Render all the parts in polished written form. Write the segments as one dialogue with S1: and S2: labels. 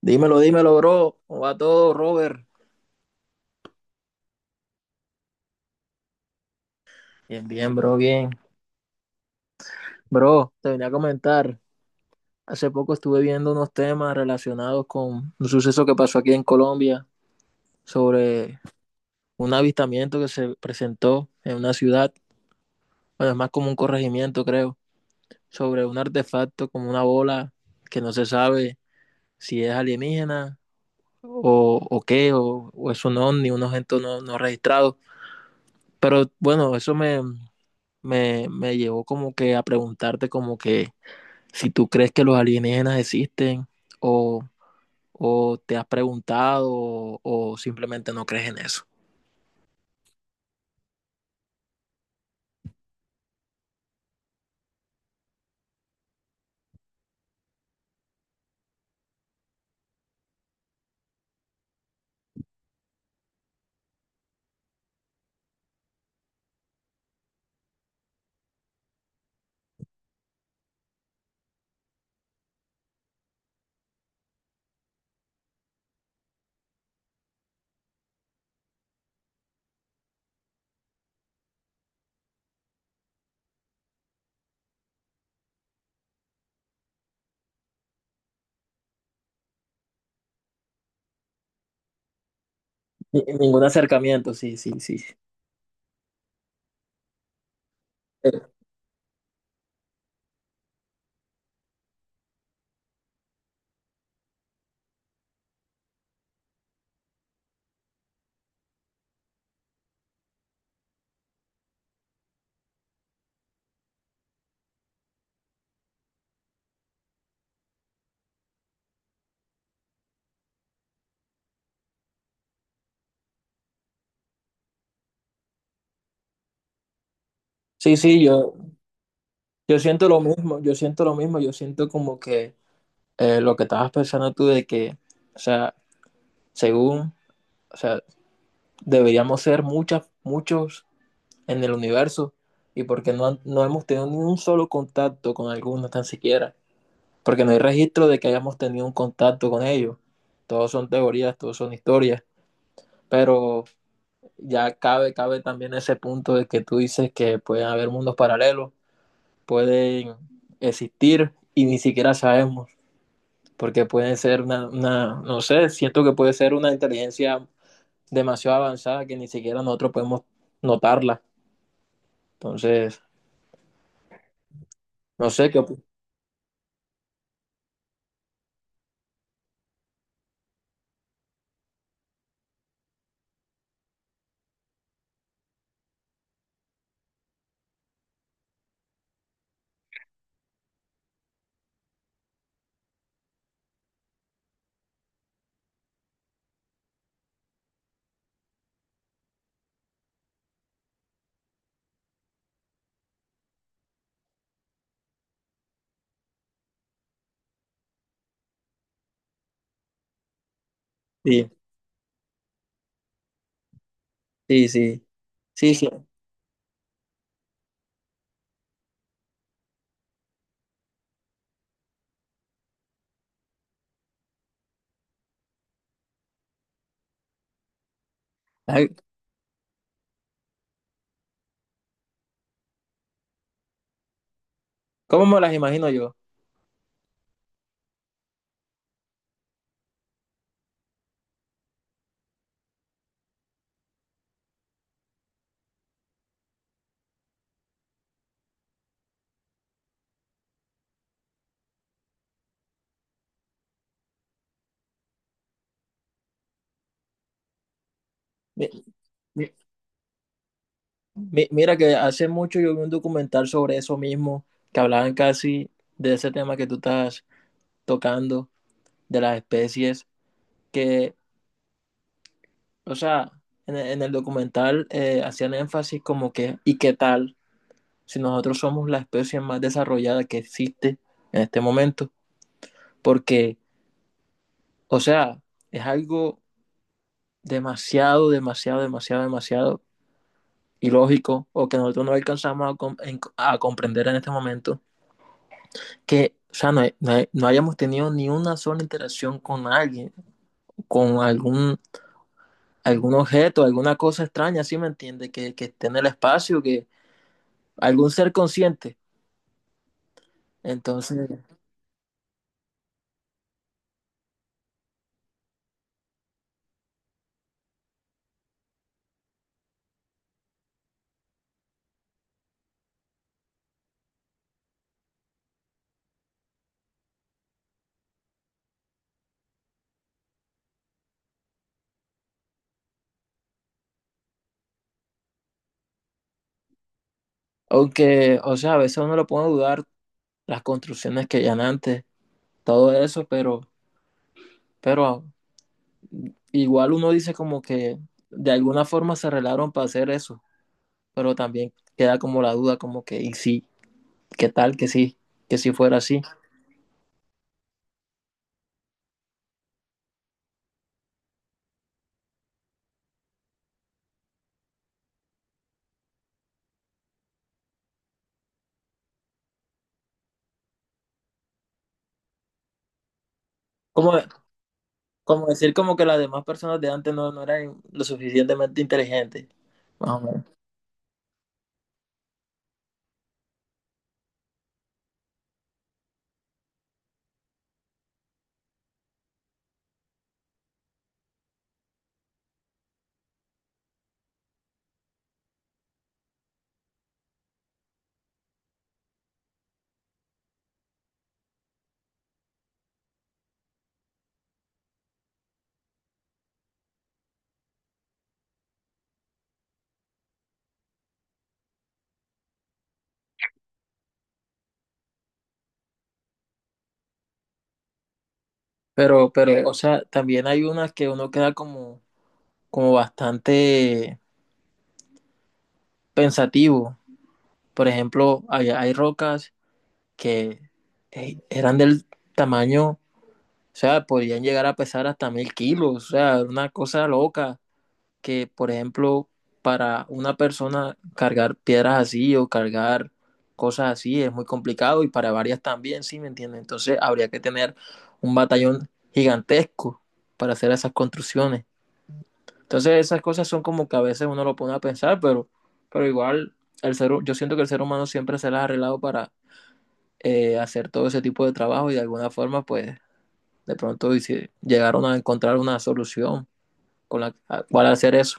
S1: Dímelo, dímelo, bro. ¿Cómo va todo, Robert? Bien, bien. Bro, te venía a comentar. Hace poco estuve viendo unos temas relacionados con un suceso que pasó aquí en Colombia sobre un avistamiento que se presentó en una ciudad, bueno, es más como un corregimiento, creo, sobre un artefacto como una bola que no se sabe si es alienígena o qué, o es un ovni, un objeto no, no registrado. Pero bueno, eso me llevó como que a preguntarte como que si tú crees que los alienígenas existen o, o te has preguntado o simplemente no crees en eso. Ningún acercamiento, sí, sí, sí. Eh, Sí, sí, yo siento lo mismo, yo siento lo mismo, yo siento como que lo que estabas pensando tú de que, o sea, según, o sea, deberíamos ser muchas, muchos en el universo y porque no, no hemos tenido ni un solo contacto con alguno tan siquiera. Porque no hay registro de que hayamos tenido un contacto con ellos. Todos son teorías, todos son historias, pero ya cabe, cabe también ese punto de que tú dices que pueden haber mundos paralelos, pueden existir y ni siquiera sabemos, porque pueden ser una no sé, siento que puede ser una inteligencia demasiado avanzada que ni siquiera nosotros podemos notarla. Entonces, no sé qué. Sí, sí, sí. Sí, sí. Ay, ¿cómo me las imagino yo? Mi- Mira que hace mucho yo vi un documental sobre eso mismo, que hablaban casi de ese tema que tú estás tocando, de las especies, que, o sea, en el documental hacían énfasis como que, ¿y qué tal si nosotros somos la especie más desarrollada que existe en este momento? Porque, o sea, es algo demasiado, demasiado, demasiado, demasiado ilógico o que nosotros no alcanzamos a comprender en este momento que, o sea, no, no hayamos tenido ni una sola interacción con alguien, con algún, algún objeto, alguna cosa extraña, ¿sí me entiende? Que esté en el espacio, que algún ser consciente. Entonces, aunque, o sea, a veces uno lo puede dudar, las construcciones que hayan antes, todo eso, pero igual uno dice como que de alguna forma se arreglaron para hacer eso, pero también queda como la duda, como que, y sí, ¿qué tal que sí, que si fuera así? Como, Como decir como que las demás personas de antes no, no eran lo suficientemente inteligentes, más o menos. Pero, o sea, también hay unas que uno queda como, como bastante pensativo. Por ejemplo, hay rocas que eran del tamaño, o sea, podían llegar a pesar hasta 1.000 kilos, o sea, era una cosa loca. Que, por ejemplo, para una persona cargar piedras así o cargar cosas así es muy complicado y para varias también, ¿sí me entiendes? Entonces habría que tener un batallón gigantesco para hacer esas construcciones. Entonces esas cosas son como que a veces uno lo pone a pensar, pero igual el ser, yo siento que el ser humano siempre se las ha arreglado para hacer todo ese tipo de trabajo y de alguna forma pues de pronto dice, llegaron a encontrar una solución con la cual hacer eso.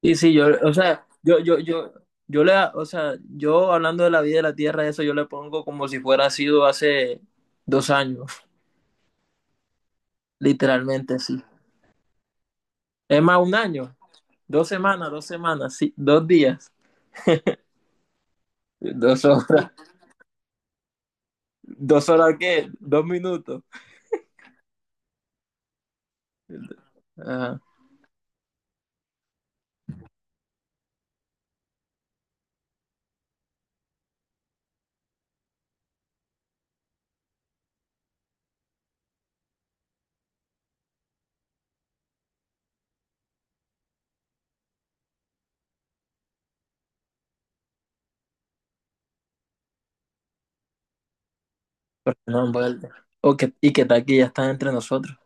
S1: Y sí, yo, o sea, yo le, o sea, yo hablando de la vida de la tierra, eso yo le pongo como si fuera sido hace 2 años, literalmente, sí. Es más, un año, 2 semanas, 2 semanas, sí, 2 días, 2 horas, 2 horas, ¿qué? 2 minutos. Ajá, pero no han vuelto. Y que tal que ya están entre nosotros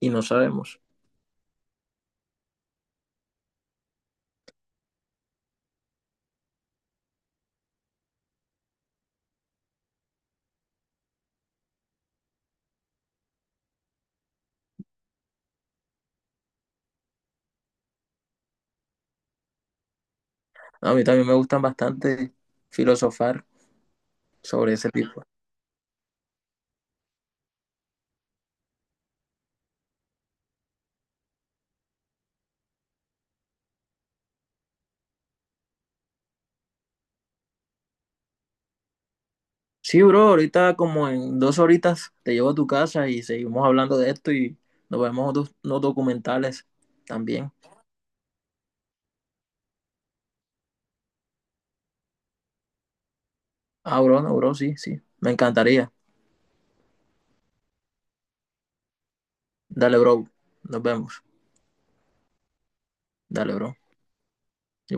S1: y no sabemos. A mí también me gustan bastante filosofar sobre ese tipo. Sí, bro, ahorita como en 2 horitas te llevo a tu casa y seguimos hablando de esto y nos vemos otros unos documentales también. Ah, bro, no, bro, sí, sí, me encantaría. Dale, bro, nos vemos. Dale, bro.